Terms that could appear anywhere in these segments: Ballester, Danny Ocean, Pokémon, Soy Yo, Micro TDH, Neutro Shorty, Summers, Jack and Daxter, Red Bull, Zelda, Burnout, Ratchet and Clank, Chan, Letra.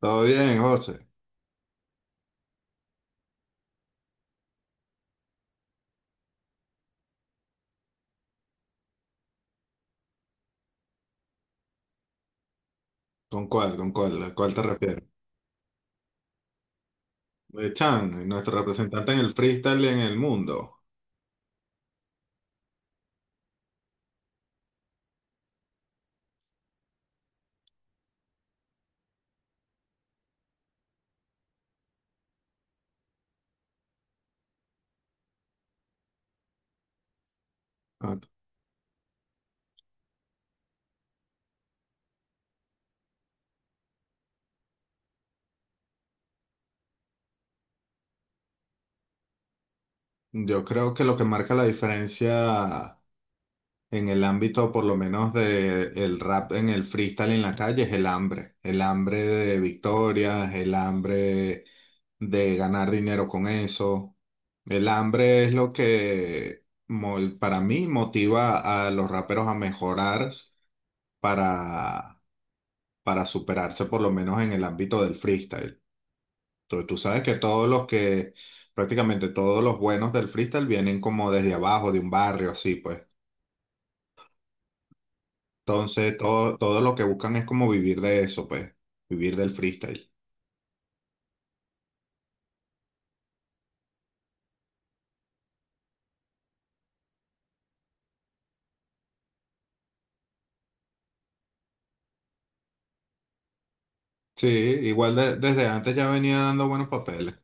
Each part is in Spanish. Todo bien, José. ¿Con cuál? ¿Con cuál? ¿A cuál te refieres? De Chan, nuestro representante en el freestyle en el mundo. Ah, yo creo que lo que marca la diferencia en el ámbito, por lo menos de el rap en el freestyle en la calle, es el hambre. El hambre de victorias, el hambre de ganar dinero con eso. El hambre es lo que para mí motiva a los raperos a mejorar para para superarse por lo menos en el ámbito del freestyle. Tú sabes que prácticamente todos los buenos del freestyle vienen como desde abajo, de un barrio, así pues. Entonces, todo lo que buscan es como vivir de eso, pues, vivir del freestyle. Sí, igual desde antes ya venía dando buenos papeles.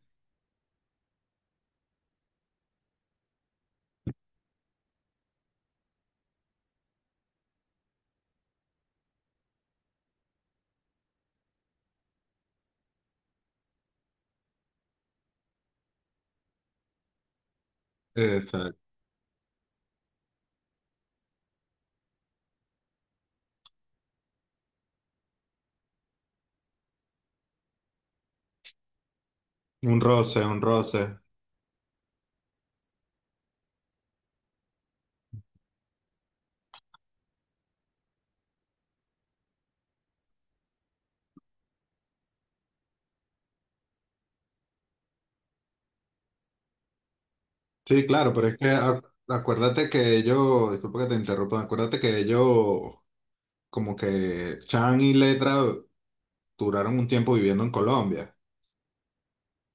Exacto. Un roce. Sí, claro, pero es que acuérdate que ellos, disculpa que te interrumpa, acuérdate que ellos, como que Chan y Letra duraron un tiempo viviendo en Colombia.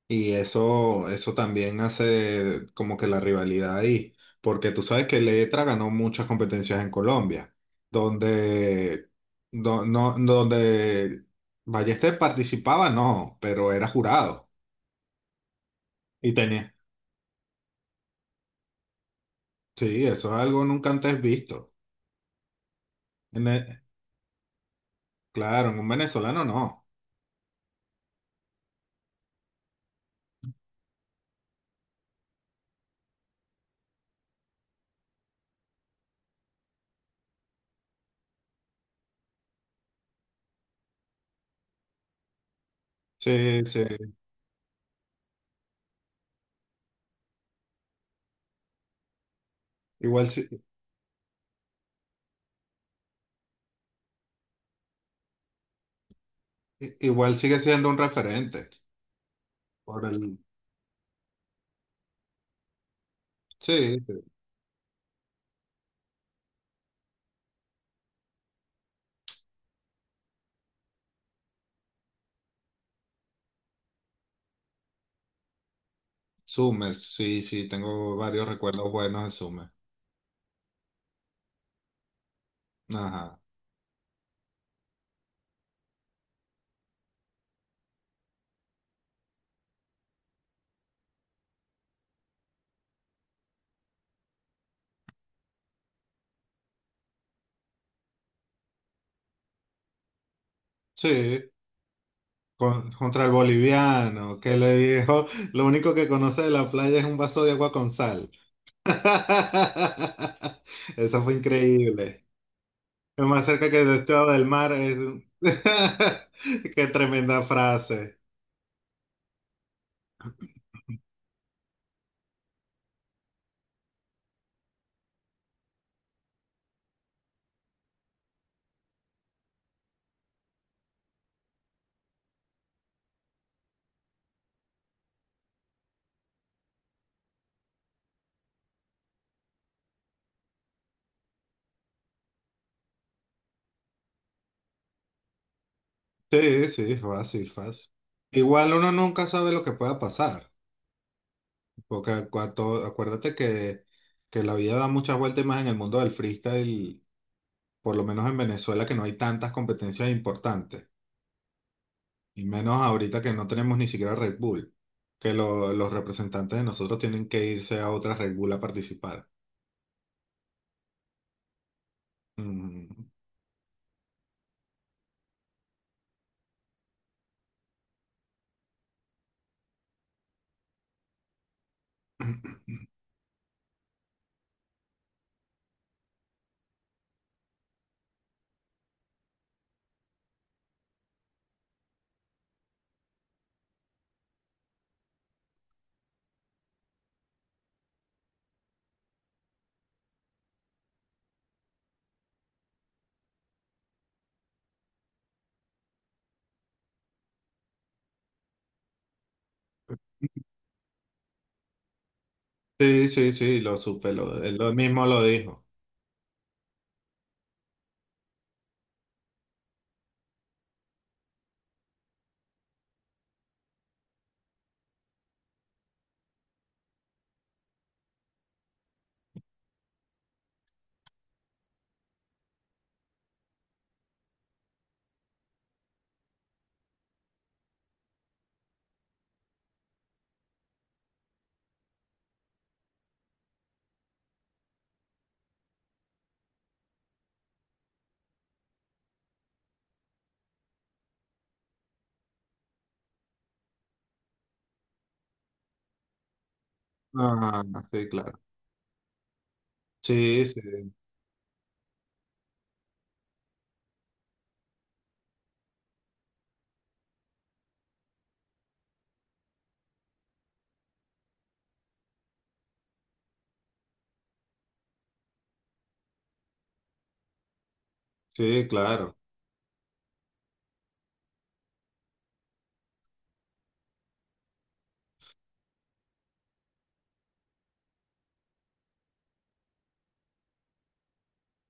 Y eso también hace como que la rivalidad ahí, porque tú sabes que Letra ganó muchas competencias en Colombia, donde, donde Ballester participaba, no, pero era jurado. Y tenía. Sí, eso es algo nunca antes visto. En el- claro, en un venezolano no. Sí, sí. Igual, igual sigue siendo un referente. Por el, sí, sí. Summers, sí, sí, tengo varios recuerdos buenos de Summers. Ajá. Sí, contra el boliviano, que le dijo, lo único que conoce de la playa es un vaso de agua con sal. Eso fue increíble. Es más cerca que el estado del mar. Qué tremenda frase. Sí, sí, fácil, fácil. Igual uno nunca sabe lo que pueda pasar, porque acuérdate que la vida da muchas vueltas y más en el mundo del freestyle, por lo menos en Venezuela, que no hay tantas competencias importantes. Y menos ahorita que no tenemos ni siquiera Red Bull, que los representantes de nosotros tienen que irse a otra Red Bull a participar. Mm. Sí, sí, sí, lo supe, lo, él lo mismo lo dijo. Ah, sí, claro. Sí, sí, sí, claro.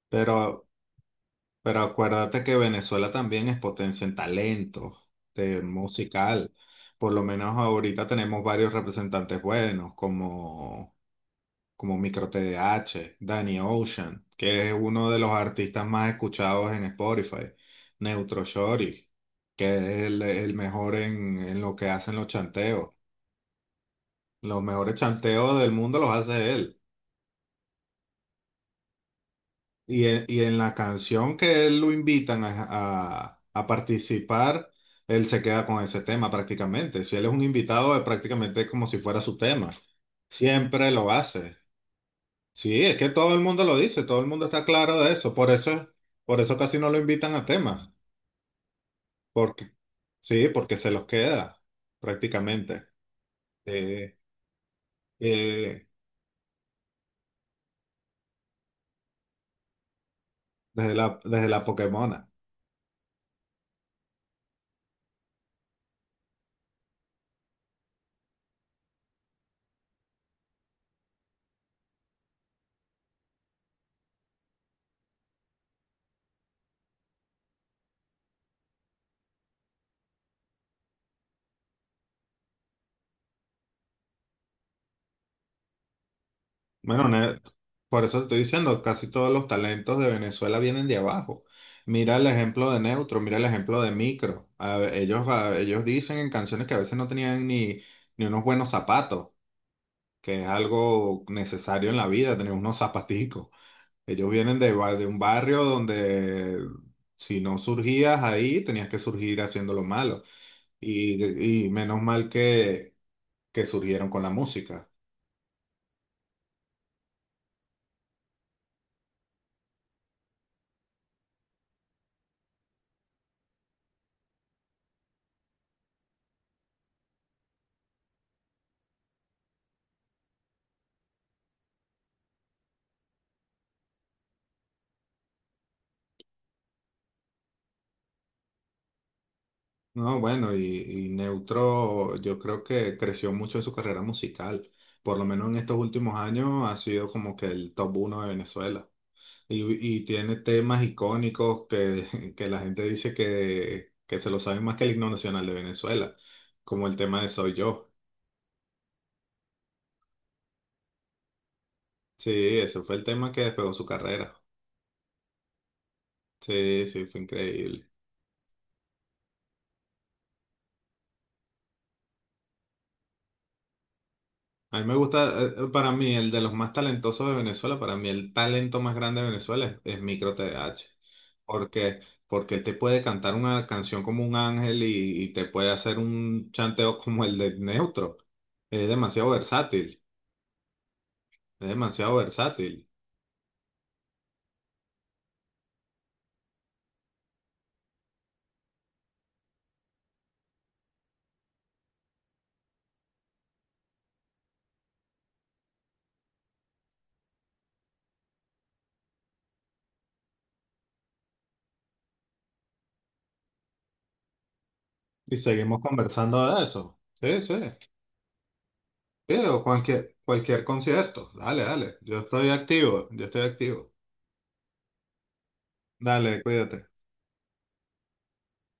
Pero, pero acuérdate que Venezuela también es potencia en talento, de musical. Por lo menos ahorita tenemos varios representantes buenos, como Micro TDH, Danny Ocean, que es uno de los artistas más escuchados en Spotify, Neutro Shorty, que es el mejor en lo que hacen los chanteos. Los mejores chanteos del mundo los hace él. Y en la canción que él lo invitan a, a participar, él se queda con ese tema prácticamente. Si él es un invitado, es prácticamente como si fuera su tema. Siempre lo hace. Sí, es que todo el mundo lo dice, todo el mundo está claro de eso, por eso, por eso casi no lo invitan a temas, porque sí, porque se los queda prácticamente eh, eh, desde la Pokémona. Bueno, por eso te estoy diciendo, casi todos los talentos de Venezuela vienen de abajo. Mira el ejemplo de Neutro, mira el ejemplo de Micro. Ellos ellos dicen en canciones que a veces no tenían ni ni unos buenos zapatos, que es algo necesario en la vida, tener unos zapaticos. Ellos vienen de, de un barrio donde si no surgías ahí, tenías que surgir haciendo lo malo. Y menos mal que surgieron con la música. No, bueno, y Neutro yo creo que creció mucho en su carrera musical. Por lo menos en estos últimos años ha sido como que el top uno de Venezuela. Y tiene temas icónicos que, que la gente dice que se lo saben más que el himno nacional de Venezuela, como el tema de Soy Yo. Sí, ese fue el tema que despegó su carrera. Sí, sí, fue increíble. A mí me gusta, para mí, el de los más talentosos de Venezuela, para mí el talento más grande de Venezuela es Micro TDH. Porque, porque él te puede cantar una canción como un ángel y te puede hacer un chanteo como el de Neutro. Es demasiado versátil, es demasiado versátil. Y seguimos conversando de eso. Sí, sí. Sí, cualquier concierto. Dale. Yo estoy activo. Dale, cuídate.